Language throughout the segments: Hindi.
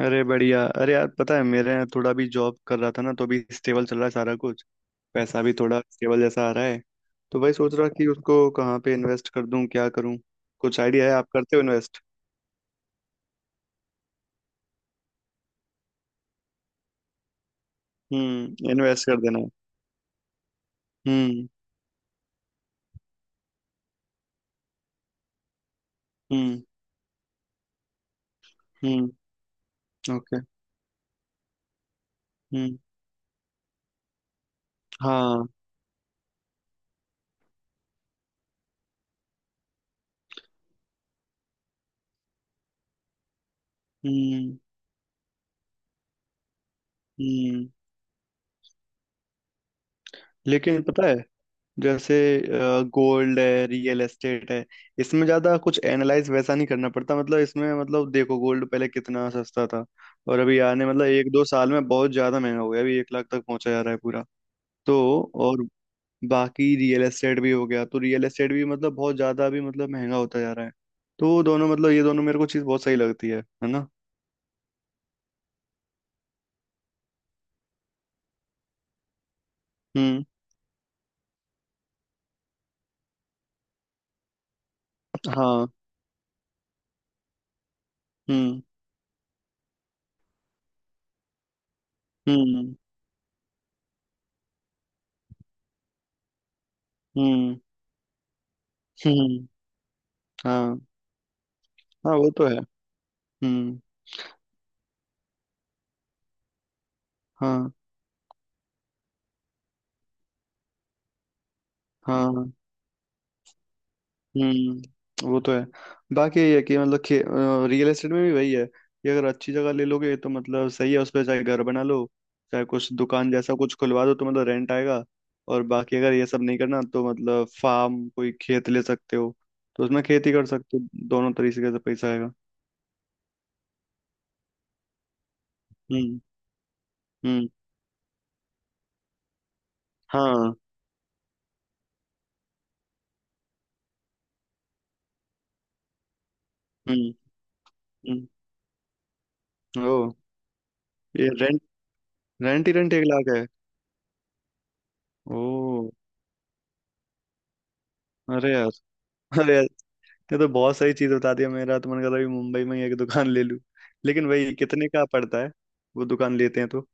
अरे बढ़िया। अरे यार, पता है मेरे यहाँ थोड़ा भी जॉब कर रहा था ना, तो अभी स्टेबल चल रहा है सारा कुछ। पैसा भी थोड़ा स्टेबल जैसा आ रहा है। तो वही सोच रहा कि उसको कहाँ पे इन्वेस्ट कर दूं, क्या करूं। कुछ आइडिया है? आप करते हो इन्वेस्ट? हम्म। इन्वेस्ट कर देना है। हम्म। हम्म। हम्म। ओके। हम्म। हाँ। हम्म। हम्म। लेकिन पता है, जैसे गोल्ड है, रियल एस्टेट है, इसमें ज्यादा कुछ एनालाइज वैसा नहीं करना पड़ता। मतलब इसमें, मतलब देखो, गोल्ड पहले कितना सस्ता था। और अभी आने मतलब एक दो साल में बहुत ज्यादा महंगा हो गया। अभी 1 लाख तक पहुंचा जा रहा है पूरा। तो, और, बाकी रियल एस्टेट भी हो गया, तो रियल एस्टेट भी मतलब बहुत ज्यादा भी मतलब महंगा होता जा रहा है। तो वो दोनों मतलब ये दोनों मेरे को चीज बहुत सही लगती है ना? हम्म। हाँ। हम्म। हम्म। हम्म। हम्म। हाँ। हाँ, वो तो है। हम्म। हाँ। हाँ। हाँ। हम्म, वो तो है। बाकी ये है कि मतलब रियल एस्टेट में भी वही है कि अगर अच्छी जगह ले लोगे तो मतलब सही है। उस पर चाहे घर बना लो, चाहे कुछ दुकान जैसा कुछ खुलवा दो, तो मतलब रेंट आएगा। और बाकी अगर ये सब नहीं करना, तो मतलब फार्म कोई खेत ले सकते हो, तो उसमें खेती कर सकते हो। दोनों तरीके से पैसा आएगा। हम्म। हम्म। हाँ। हम्म। हम्म। ओ। ये रेंट? रेंट ही रेंट 1 लाख है? ओ। अरे यार! अरे यार, ये तो बहुत सही चीज बता दिया। मेरा तो मन कर रहा है कि मुंबई में ही एक दुकान ले लूं। लेकिन वही, कितने का पड़ता है वो दुकान लेते हैं तो?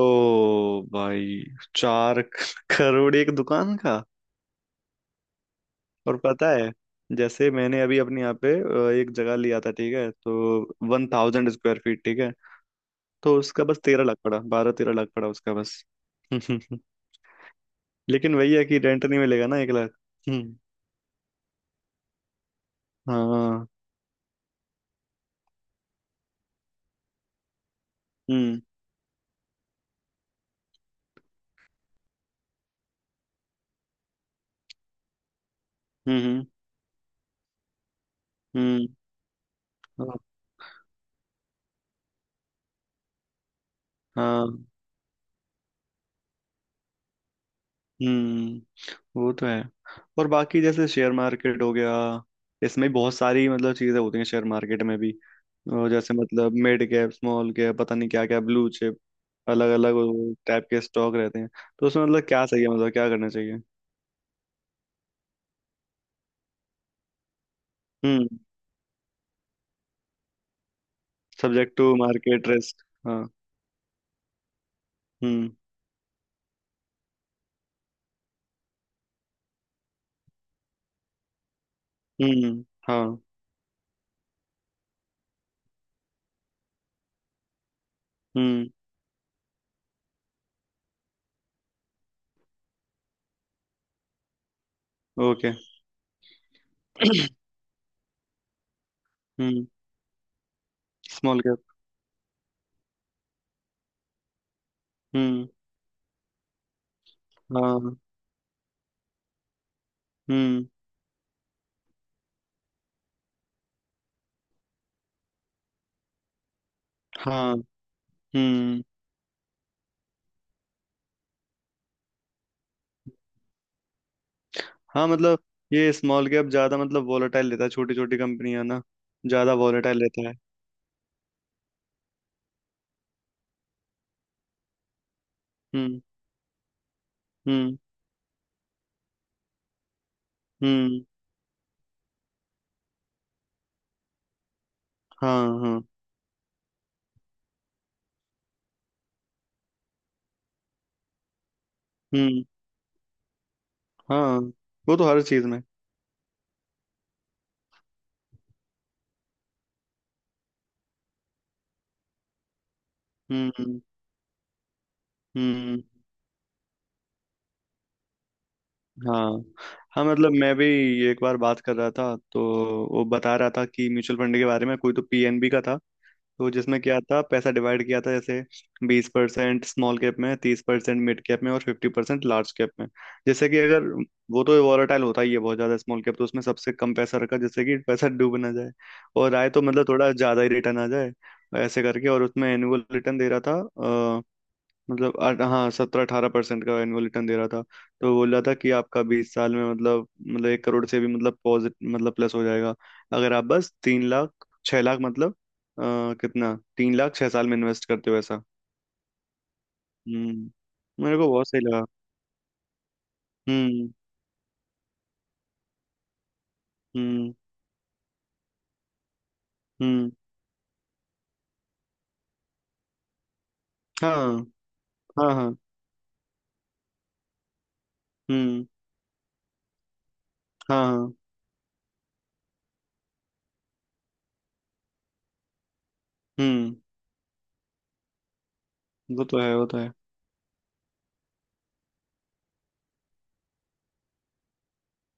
ओ भाई। 4 करोड़ एक दुकान का? और पता है, जैसे मैंने अभी अपने यहाँ पे एक जगह लिया था, ठीक है, तो 1000 स्क्वायर फीट, ठीक है, तो उसका बस 13 लाख पड़ा, 12-13 लाख पड़ा उसका बस। लेकिन वही है कि रेंट नहीं मिलेगा ना 1 लाख। हम्म। हाँ। हम्म। हम्म। हम्म। हाँ। हाँ। हम्म, वो तो है। और बाकी जैसे शेयर मार्केट हो गया, इसमें बहुत सारी मतलब चीजें होती हैं शेयर मार्केट में भी। और जैसे मतलब मिड कैप, स्मॉल कैप, पता नहीं क्या क्या, ब्लू चिप, अलग अलग टाइप के स्टॉक रहते हैं। तो उसमें मतलब क्या सही है, मतलब क्या करना चाहिए? हम्म। Subject to market risk. हाँ। हम्म। हम्म। हाँ। हम्म। ओके। हम्म। Small cap. हम्म। हाँ। हम्म। हाँ। हम्म। हाँ, मतलब ये स्मॉल कैप ज्यादा मतलब वॉलेटाइल रहता है, छोटी छोटी कंपनियां ना। ज्यादा वॉलेटाइल रहता है। हम्म। हम्म। हम्म। हाँ। हाँ। हम्म। हाँ, वो तो हर चीज में। हम्म। हम्म। हाँ। हाँ, मतलब मैं भी एक बार बात कर रहा था तो वो बता रहा था कि म्यूचुअल फंड के बारे में। कोई तो PNB का था। तो जिसमें क्या था, पैसा डिवाइड किया था, जैसे 20% स्मॉल कैप में, 30% मिड कैप में, और 50% लार्ज कैप में। जैसे कि अगर वो तो वॉलेटाइल होता ही है बहुत ज्यादा स्मॉल कैप, तो उसमें सबसे कम पैसा रखा, जैसे कि पैसा डूब ना जाए और आए तो मतलब थोड़ा ज्यादा ही रिटर्न आ जाए। ऐसे करके। और उसमें एनुअल रिटर्न दे रहा था, मतलब हाँ 17-18% का एनुअल रिटर्न दे रहा था। तो बोल रहा था कि आपका 20 साल में मतलब 1 करोड़ से भी मतलब पॉजिटिव, मतलब प्लस हो जाएगा, अगर आप बस 3 लाख 6 लाख मतलब अ, कितना, 3 लाख 6 साल में इन्वेस्ट करते हो ऐसा। हम्म, मेरे को बहुत सही लगा। हम्म। हम्म। हम्म। हाँ। हाँ। हाँ। हम्म। हाँ। हाँ। हम्म। वो तो है, वो तो है।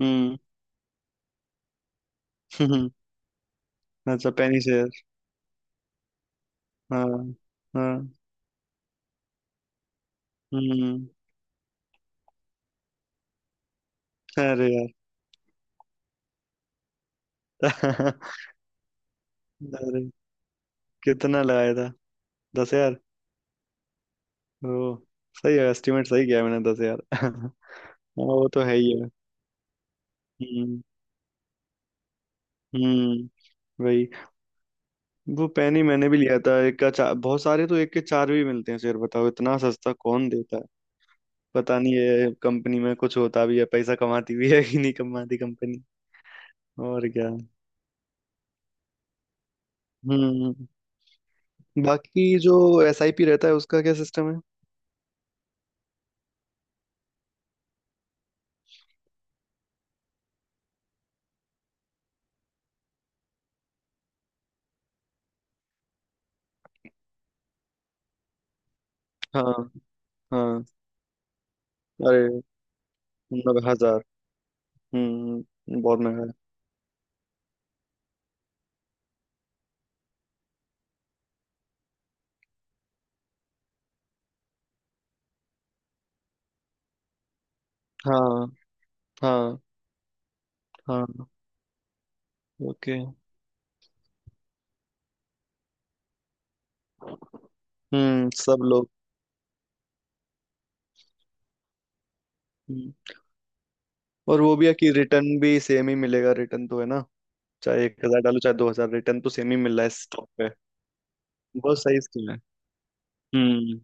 हम्म। हम्म। अच्छा, पेनी शेयर। हाँ। हाँ। हम्म। अरे यार। अरे, कितना लगाया था? 10 हजार? ओ। सही है, एस्टिमेट सही किया मैंने। 10 हजार। हाँ। वो तो है ही है। हम्म। हम्म। वही। वो पेन ही मैंने भी लिया था, एक का चार, बहुत सारे तो एक के चार भी मिलते हैं शेयर, बताओ इतना सस्ता कौन देता है। पता नहीं ये कंपनी में कुछ होता भी है, पैसा कमाती भी है कि नहीं कमाती कंपनी। और क्या। हम्म। बाकी जो SIP रहता है, उसका क्या सिस्टम है? हाँ। हाँ। अरे, 90 हजार? हम्म, बहुत महंगा है। हाँ। हाँ। हाँ। ओके। हम्म। सब लोग। हम्म। और वो भी है कि रिटर्न भी सेम ही मिलेगा, रिटर्न तो है ना, चाहे 1 हजार डालो चाहे 2 हजार, रिटर्न तो सेम ही मिल रहा है स्टॉक पे। बहुत सही स्कीम है। हम्म।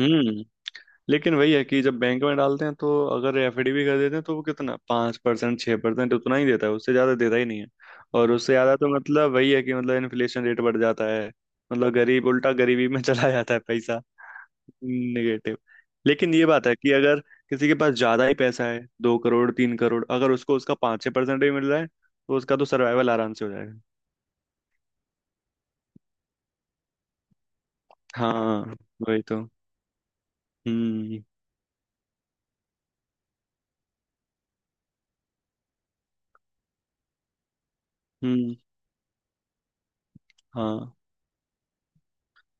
हम्म। लेकिन वही है कि जब बैंक में डालते हैं तो अगर एफडी भी कर देते हैं, तो वो कितना, 5%, 6% उतना ही देता है, उससे ज़्यादा देता ही नहीं है। और उससे ज़्यादा तो मतलब वही है कि मतलब इन्फ्लेशन रेट बढ़ जाता है, मतलब गरीब उल्टा गरीबी में चला जाता है पैसा। निगेटिव। लेकिन ये बात है कि अगर किसी के पास ज़्यादा ही पैसा है, 2 करोड़, 3 करोड़, अगर उसको उसका 5-6% भी मिल रहा है, तो उसका तो सर्वाइवल आराम से हो जाएगा। हाँ। वही तो। हम्म। हम्म। हाँ।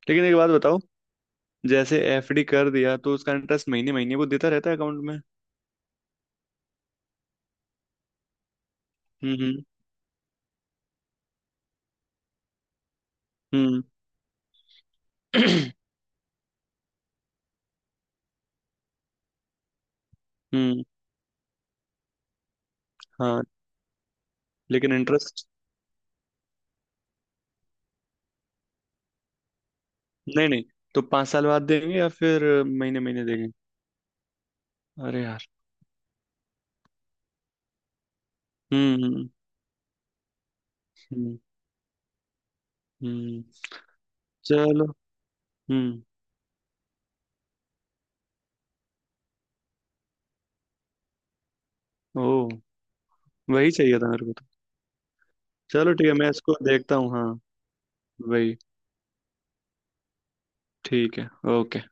लेकिन एक बात बताओ, जैसे एफडी कर दिया, तो उसका इंटरेस्ट महीने महीने वो देता रहता है अकाउंट में? हम्म। हम्म। हम्म। हम्म। हाँ। लेकिन इंटरेस्ट? नहीं नहीं, तो 5 साल बाद देंगे या फिर महीने महीने देंगे? अरे यार। हम्म। हम्म। हम्म। हम्म। चलो। हम्म। ओ, वही चाहिए था मेरे को तो। चलो, ठीक है, मैं इसको देखता हूँ। हाँ, वही। ठीक है। ओके।